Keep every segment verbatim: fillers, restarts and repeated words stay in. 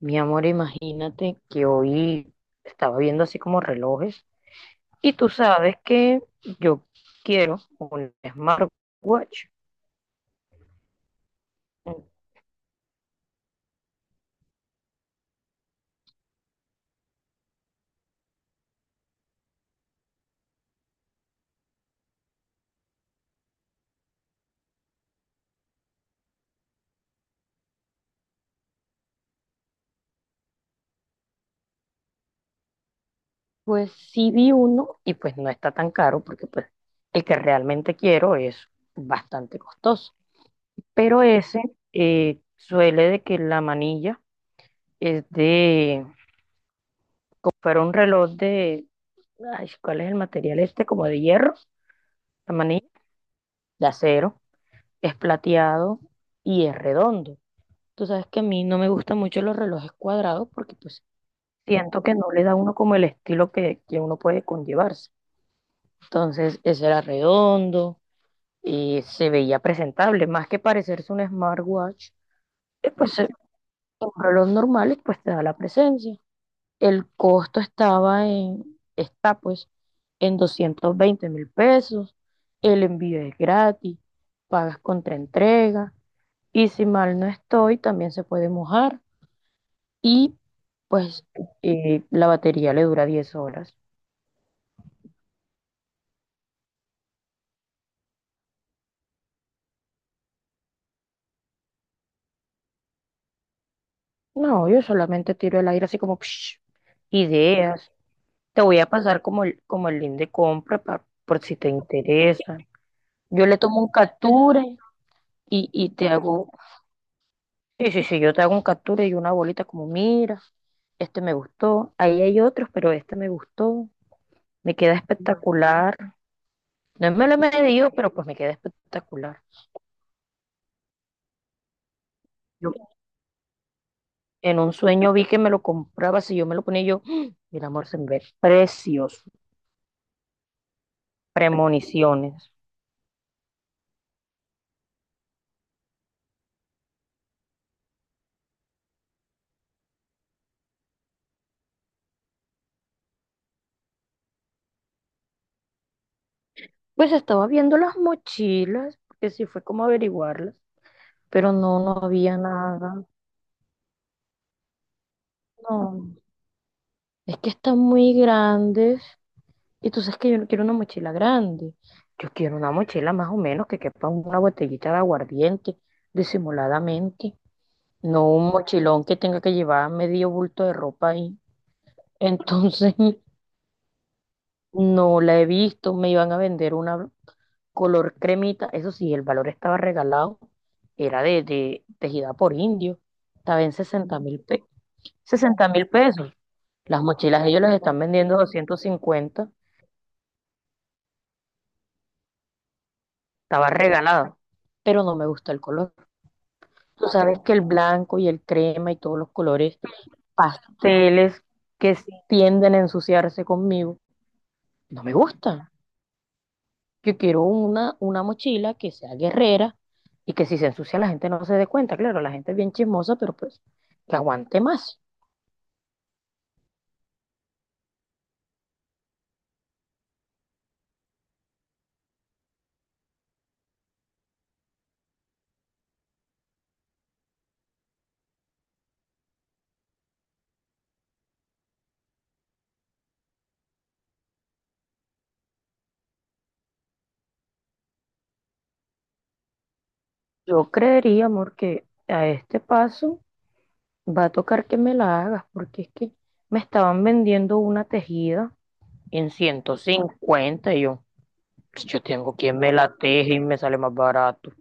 Mi amor, imagínate que hoy estaba viendo así como relojes, y tú sabes que yo quiero un smartwatch. Pues sí vi uno y pues no está tan caro porque pues el que realmente quiero es bastante costoso. Pero ese eh, suele de que la manilla es de, fuera un reloj de, ay, ¿cuál es el material este? Como de hierro, la manilla de acero, es plateado y es redondo. Tú sabes que a mí no me gustan mucho los relojes cuadrados porque pues siento que no le da a uno como el estilo que, que uno puede conllevarse. Entonces, ese era redondo y se veía presentable, más que parecerse un smartwatch, eh, pues eh, un reloj normal y pues te da la presencia. El costo estaba en, está pues en doscientos veinte mil pesos, el envío es gratis, pagas contra entrega y si mal no estoy, también se puede mojar. Y pues eh, la batería le dura diez horas. No, yo solamente tiro el aire así como psh, ideas. Te voy a pasar como el, como el link de compra pa- por si te interesa. Yo le tomo un captura y, y te hago, sí, sí, sí, yo te hago un captura y una bolita como, mira, este me gustó, ahí hay otros, pero este me gustó, me queda espectacular. No me lo he medido, pero pues me queda espectacular. Yo En un sueño vi que me lo compraba, si yo me lo ponía yo, ¡ah! El amor, se me ve precioso, premoniciones. Pues estaba viendo las mochilas, porque sí fue como averiguarlas, pero no, no había nada. No, es que están muy grandes y tú sabes que yo no quiero una mochila grande. Yo quiero una mochila más o menos que quepa una botellita de aguardiente, disimuladamente. No un mochilón que tenga que llevar medio bulto de ropa ahí. Entonces, no la he visto, me iban a vender una color cremita, eso sí, el valor estaba regalado, era de, de tejida por indio, estaba en sesenta mil pe sesenta mil pesos. Las mochilas ellos las están vendiendo doscientos cincuenta, estaba regalado, pero no me gusta el color. Tú sabes que el blanco y el crema y todos los colores pasteles que s- tienden a ensuciarse conmigo, no me gustan. Yo quiero una, una mochila que sea guerrera y que si se ensucia la gente no se dé cuenta. Claro, la gente es bien chismosa, pero pues que aguante más. Yo creería, amor, que a este paso va a tocar que me la hagas, porque es que me estaban vendiendo una tejida en ciento cincuenta y yo, pues, yo tengo quien me la teje y me sale más barato.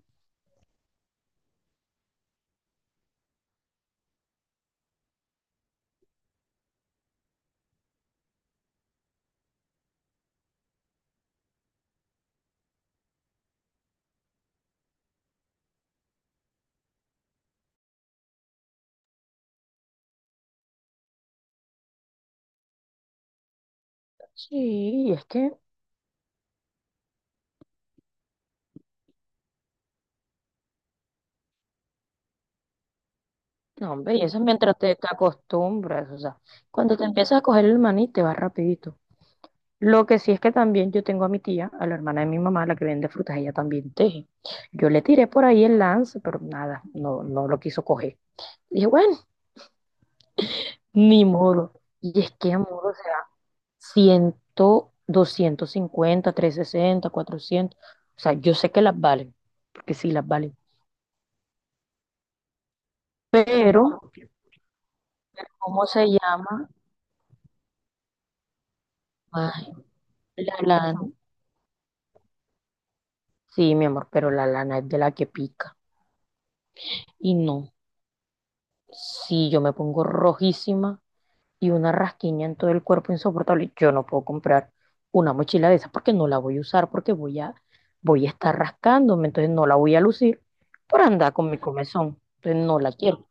Sí, y es que, no, hombre, y eso es mientras te, te acostumbras, o sea, cuando te empiezas a coger el maní te va rapidito. Lo que sí es que también yo tengo a mi tía, a la hermana de mi mamá, la que vende frutas, ella también teje. Yo le tiré por ahí el lance, pero nada, no, no lo quiso coger. Dije, bueno, ni modo. Y es que, amor, o sea, cien, doscientos cincuenta, trescientos sesenta, cuatrocientos. O sea, yo sé que las valen, porque sí las valen. Pero, ¿cómo se llama? Ay, la lana. Sí, mi amor, pero la lana es de la que pica. Y no, si yo me pongo rojísima y una rasquiña en todo el cuerpo insoportable. Yo no puedo comprar una mochila de esas porque no la voy a usar, porque voy a, voy a estar rascándome, entonces no la voy a lucir por andar con mi comezón. Entonces no la quiero.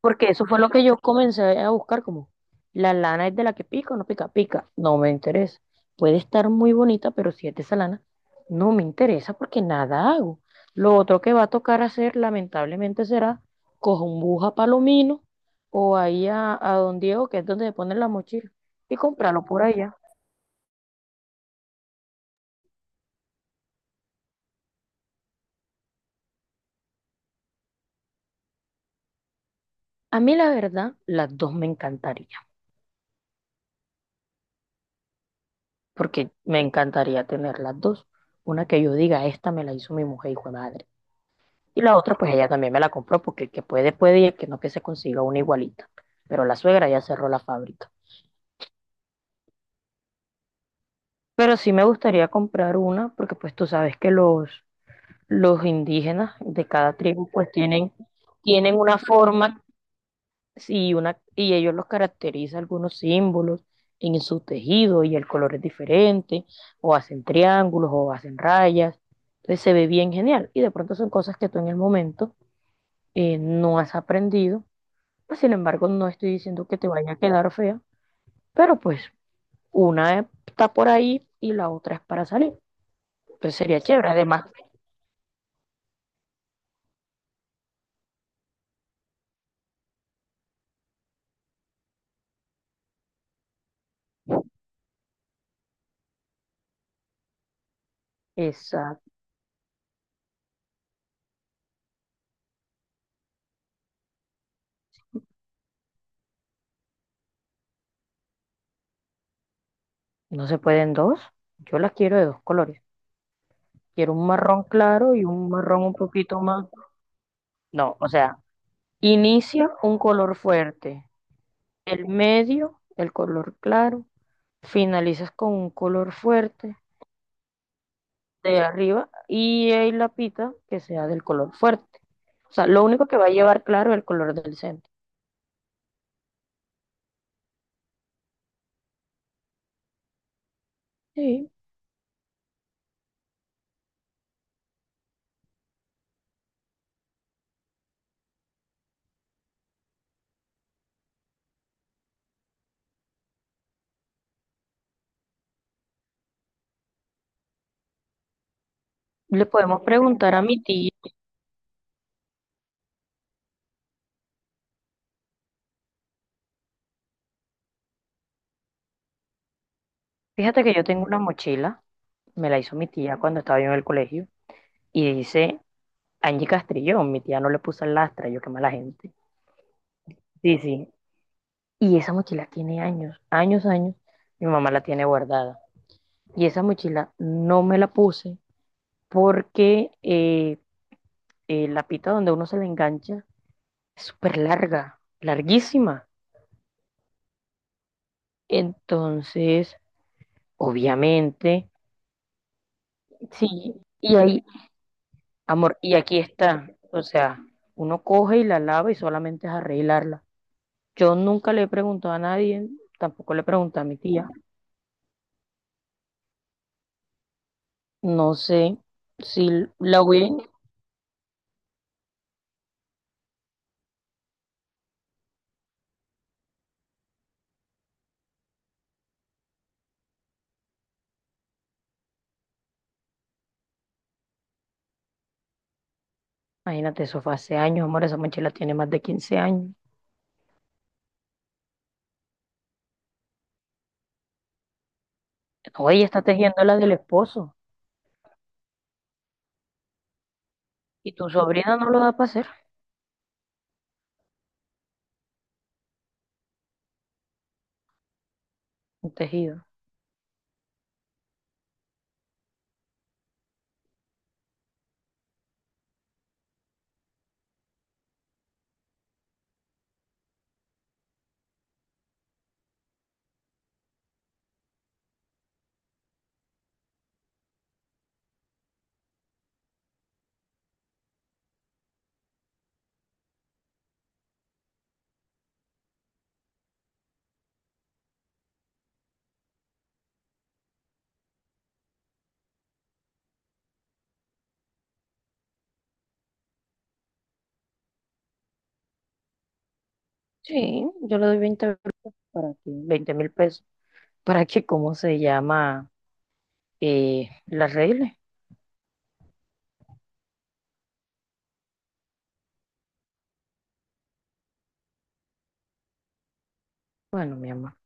Porque eso fue lo que yo comencé a buscar, como la lana es de la que pica o no pica, pica, no me interesa. Puede estar muy bonita, pero si es de esa lana, no me interesa porque nada hago. Lo otro que va a tocar hacer, lamentablemente, será cojo un bus a Palomino o ahí a, a Don Diego, que es donde se ponen las mochilas, y comprarlo por allá. A mí, la verdad, las dos me encantaría, porque me encantaría tener las dos. Una que yo diga, esta me la hizo mi mujer, hijo de madre. Y la otra, pues ella también me la compró porque el que puede, puede y el que no, que se consiga una igualita. Pero la suegra ya cerró la fábrica. Pero sí me gustaría comprar una porque pues tú sabes que los, los indígenas de cada tribu pues tienen, tienen una forma y, una, y ellos los caracteriza algunos símbolos en su tejido y el color es diferente, o hacen triángulos o hacen rayas. Entonces se ve bien genial y de pronto son cosas que tú en el momento eh, no has aprendido. Pues, sin embargo, no estoy diciendo que te vaya a quedar fea, pero pues una está por ahí y la otra es para salir. Pues sería chévere. Además, esa no se pueden dos. Yo las quiero de dos colores. Quiero un marrón claro y un marrón un poquito más. No, o sea, inicia un color fuerte, el medio, el color claro, finalizas con un color fuerte de arriba, y ahí la pita que sea del color fuerte. O sea, lo único que va a llevar claro es el color del centro. Sí, le podemos preguntar a mi tía. Fíjate que yo tengo una mochila, me la hizo mi tía cuando estaba yo en el colegio, y dice Angie Castrillón, mi tía no le puso el Lastra, yo qué mala gente. Sí, sí. Y esa mochila tiene años, años, años, mi mamá la tiene guardada. Y esa mochila no me la puse porque eh, eh, la pita donde uno se le engancha es súper larga, larguísima. Entonces, obviamente, sí. Y ahí, amor, y aquí está, o sea, uno coge y la lava y solamente es arreglarla. Yo nunca le he preguntado a nadie, tampoco le pregunté a mi tía. No sé si la hubieran, imagínate, eso fue hace años, amor, esa mochila tiene más de quince años. No, ella está tejiendo la del esposo y tu sobrina no lo da para hacer un tejido. Sí, yo le doy veinte euros para que, veinte mil pesos para que, ¿cómo se llama? Eh, la arregle. Bueno, mi amor.